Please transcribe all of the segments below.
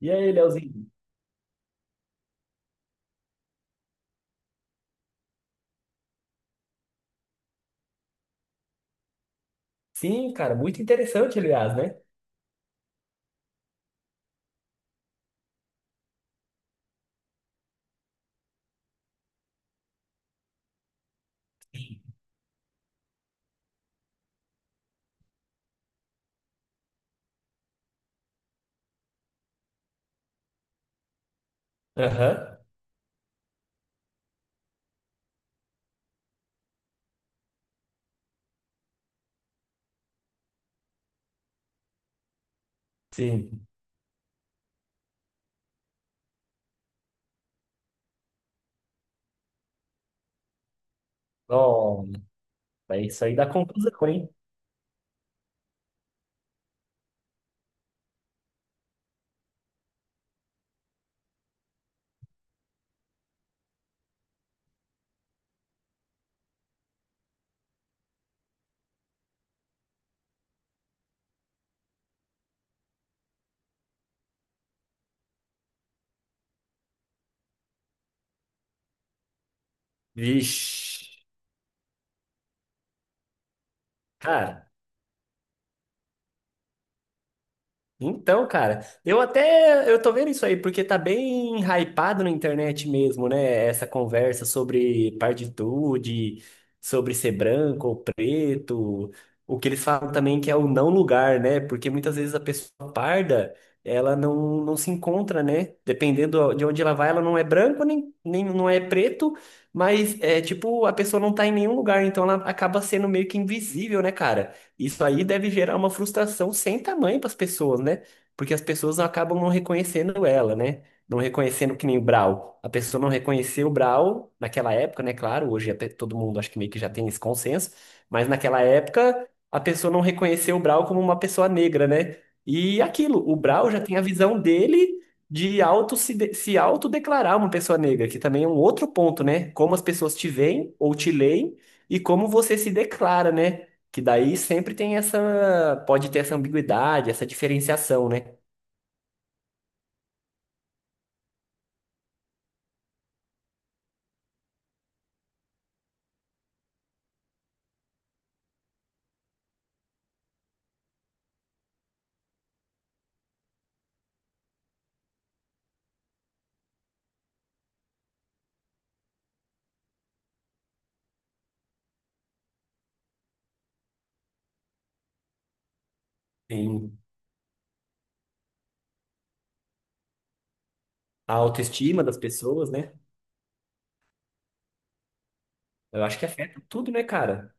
E aí, Leozinho? Sim, cara, muito interessante, aliás, né? Aham, sim. Bom, mas isso aí dá confusão, hein? Vixe. Cara, então, cara, eu até eu tô vendo isso aí porque tá bem hypado na internet mesmo, né? Essa conversa sobre partitude, sobre ser branco ou preto, o que eles falam também que é o não lugar, né? Porque muitas vezes a pessoa parda, ela não se encontra, né? Dependendo de onde ela vai, ela não é branco nem não é preto, mas é tipo, a pessoa não tá em nenhum lugar, então ela acaba sendo meio que invisível, né, cara? Isso aí deve gerar uma frustração sem tamanho para as pessoas, né? Porque as pessoas acabam não reconhecendo ela, né? Não reconhecendo que nem o Brau. A pessoa não reconheceu o Brau naquela época, né? Claro, hoje até todo mundo acho que meio que já tem esse consenso, mas naquela época a pessoa não reconheceu o Brau como uma pessoa negra, né? E aquilo, o Brau já tem a visão dele de auto se, de- se autodeclarar uma pessoa negra, que também é um outro ponto, né? Como as pessoas te veem ou te leem e como você se declara, né? Que daí sempre tem essa, pode ter essa ambiguidade, essa diferenciação, né? Tem a autoestima das pessoas, né? Eu acho que afeta tudo, né, cara?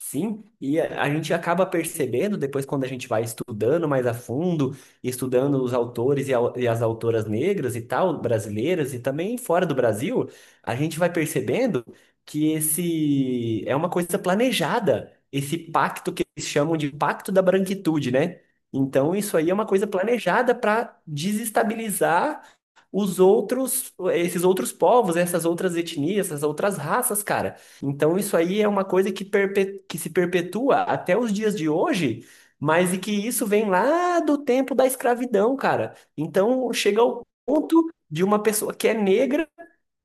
Sim, e a gente acaba percebendo depois quando a gente vai estudando mais a fundo, estudando os autores e, au- e as autoras negras e tal, brasileiras e também fora do Brasil, a gente vai percebendo que esse é uma coisa planejada, esse pacto que eles chamam de pacto da branquitude, né? Então isso aí é uma coisa planejada para desestabilizar os outros, esses outros povos, essas outras etnias, essas outras raças, cara. Então isso aí é uma coisa que, perpe- que se perpetua até os dias de hoje, mas e que isso vem lá do tempo da escravidão, cara. Então chega ao ponto de uma pessoa que é negra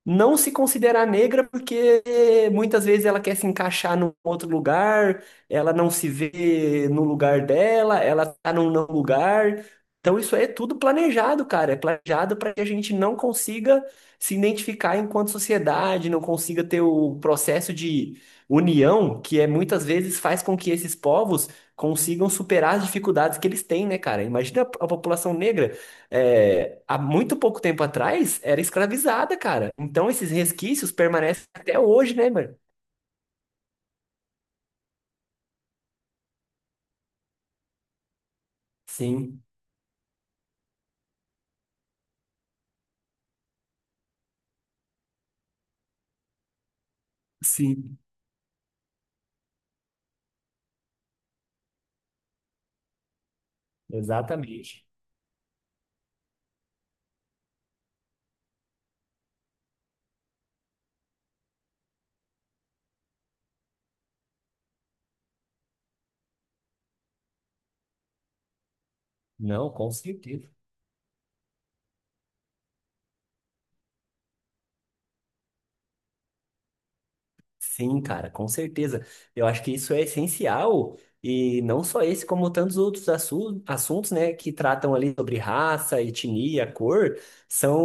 não se considerar negra porque muitas vezes ela quer se encaixar num outro lugar, ela não se vê no lugar dela, ela tá num não lugar. Então isso aí é tudo planejado, cara. É planejado para que a gente não consiga se identificar enquanto sociedade, não consiga ter o processo de união que é muitas vezes faz com que esses povos consigam superar as dificuldades que eles têm, né, cara? Imagina a população negra é, há muito pouco tempo atrás era escravizada, cara. Então esses resquícios permanecem até hoje, né, mano? Sim, sim, exatamente. Não, com certeza. Sim, cara, com certeza. Eu acho que isso é essencial, e não só esse, como tantos outros assu- assuntos, né, que tratam ali sobre raça, etnia, cor, são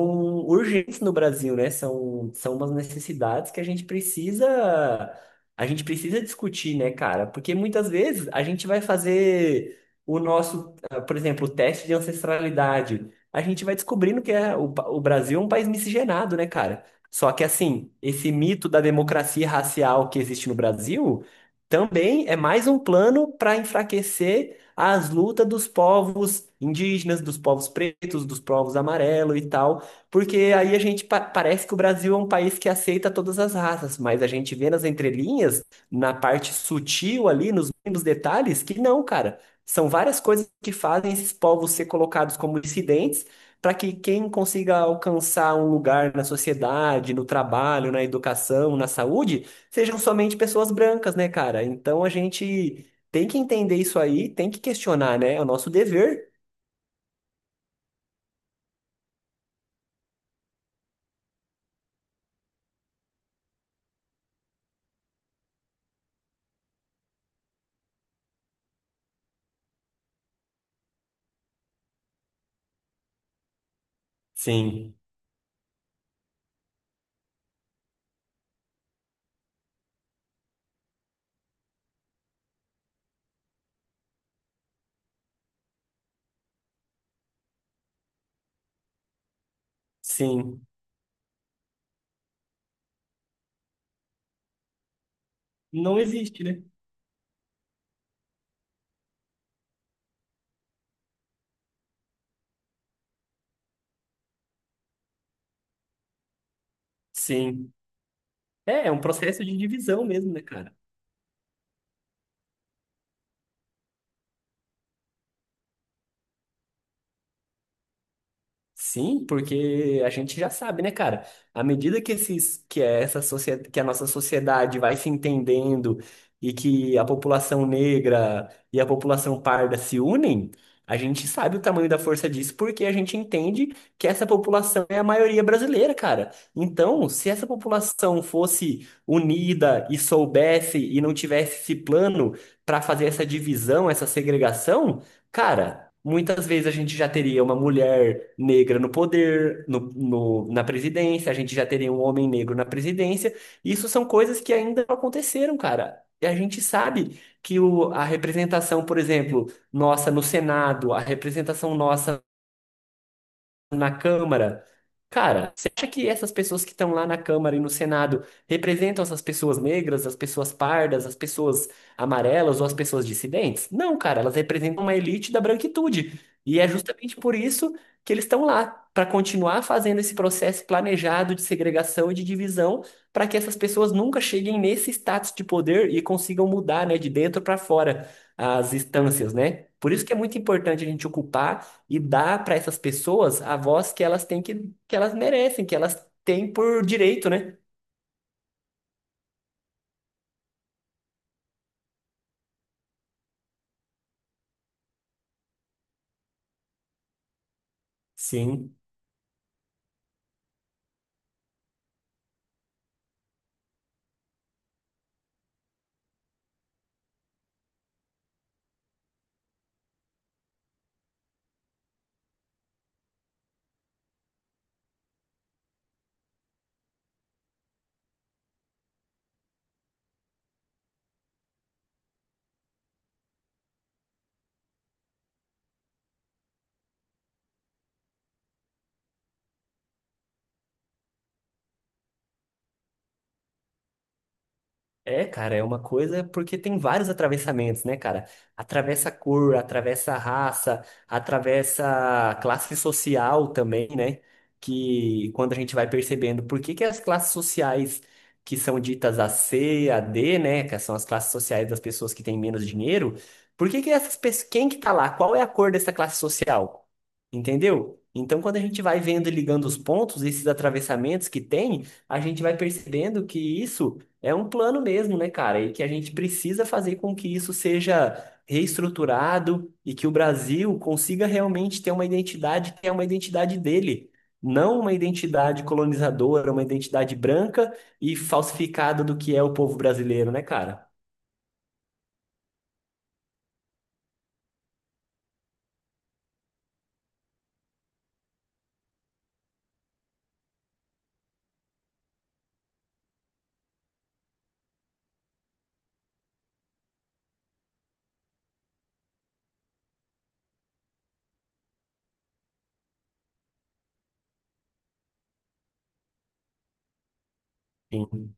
urgentes no Brasil, né? São umas necessidades que a gente precisa discutir, né, cara? Porque muitas vezes a gente vai fazer o nosso, ah, por exemplo, o teste de ancestralidade. A gente vai descobrindo que é, o, pa- o Brasil é um país miscigenado, né, cara? Só que, assim, esse mito da democracia racial que existe no Brasil também é mais um plano para enfraquecer as lutas dos povos indígenas, dos povos pretos, dos povos amarelos e tal, porque aí a gente pa- parece que o Brasil é um país que aceita todas as raças, mas a gente vê nas entrelinhas, na parte sutil ali, nos mínimos detalhes, que não, cara. São várias coisas que fazem esses povos ser colocados como dissidentes para que quem consiga alcançar um lugar na sociedade, no trabalho, na educação, na saúde, sejam somente pessoas brancas, né, cara? Então a gente tem que entender isso aí, tem que questionar, né? É o nosso dever. Sim, sim. Não existe, né? Sim. É, é um processo de divisão mesmo, né, cara? Sim, porque a gente já sabe, né, cara? À medida que esses, que é essa sociedade, que a nossa sociedade vai se entendendo e que a população negra e a população parda se unem, a gente sabe o tamanho da força disso porque a gente entende que essa população é a maioria brasileira, cara. Então, se essa população fosse unida e soubesse e não tivesse esse plano para fazer essa divisão, essa segregação. Cara, muitas vezes a gente já teria uma mulher negra no poder, na presidência, a gente já teria um homem negro na presidência. Isso são coisas que ainda não aconteceram, cara. E a gente sabe que o, a representação, por exemplo, nossa no Senado, a representação nossa na Câmara. Cara, você acha que essas pessoas que estão lá na Câmara e no Senado representam essas pessoas negras, as pessoas pardas, as pessoas amarelas ou as pessoas dissidentes? Não, cara, elas representam uma elite da branquitude. E é justamente por isso que eles estão lá, para continuar fazendo esse processo planejado de segregação e de divisão, para que essas pessoas nunca cheguem nesse status de poder e consigam mudar, né, de dentro para fora as instâncias, né? Por isso que é muito importante a gente ocupar e dar para essas pessoas a voz que elas têm que elas merecem, que elas têm por direito, né? Sim. É, cara, é uma coisa porque tem vários atravessamentos, né, cara? Atravessa cor, atravessa raça, atravessa classe social também, né? Que quando a gente vai percebendo por que que as classes sociais que são ditas a C, a D, né, que são as classes sociais das pessoas que têm menos dinheiro, por que que essas pessoas, quem que tá lá? Qual é a cor dessa classe social? Entendeu? Então, quando a gente vai vendo e ligando os pontos, esses atravessamentos que tem, a gente vai percebendo que isso é um plano mesmo, né, cara? E que a gente precisa fazer com que isso seja reestruturado e que o Brasil consiga realmente ter uma identidade que é uma identidade dele, não uma identidade colonizadora, uma identidade branca e falsificada do que é o povo brasileiro, né, cara? Sim.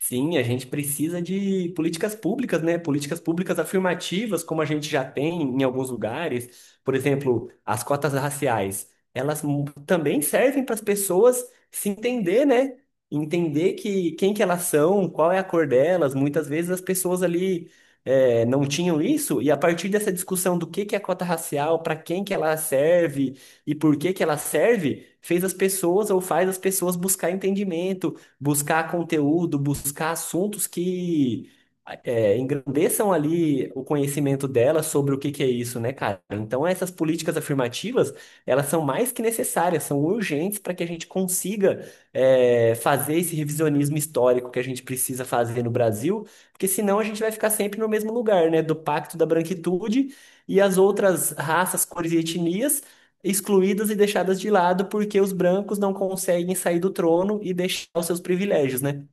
Sim, a gente precisa de políticas públicas, né? Políticas públicas afirmativas, como a gente já tem em alguns lugares. Por exemplo, as cotas raciais, elas mu- também servem para as pessoas se entender, né? Entender que quem que elas são, qual é a cor delas. Muitas vezes as pessoas ali não tinham isso, e a partir dessa discussão do que é a cota racial, para quem que ela serve e por que que ela serve, fez as pessoas ou faz as pessoas buscar entendimento buscar conteúdo, buscar assuntos que engrandeçam ali o conhecimento dela sobre o que que é isso, né, cara? Então, essas políticas afirmativas, elas são mais que necessárias, são urgentes para que a gente consiga fazer esse revisionismo histórico que a gente precisa fazer no Brasil, porque senão a gente vai ficar sempre no mesmo lugar, né, do Pacto da Branquitude e as outras raças, cores e etnias excluídas e deixadas de lado porque os brancos não conseguem sair do trono e deixar os seus privilégios, né?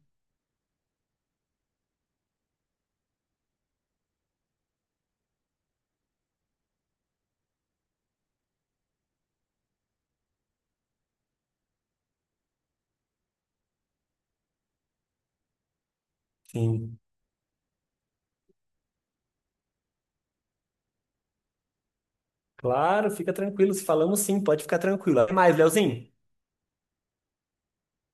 Sim. Claro, fica tranquilo. Se falamos sim, pode ficar tranquilo. Até mais, Leozinho.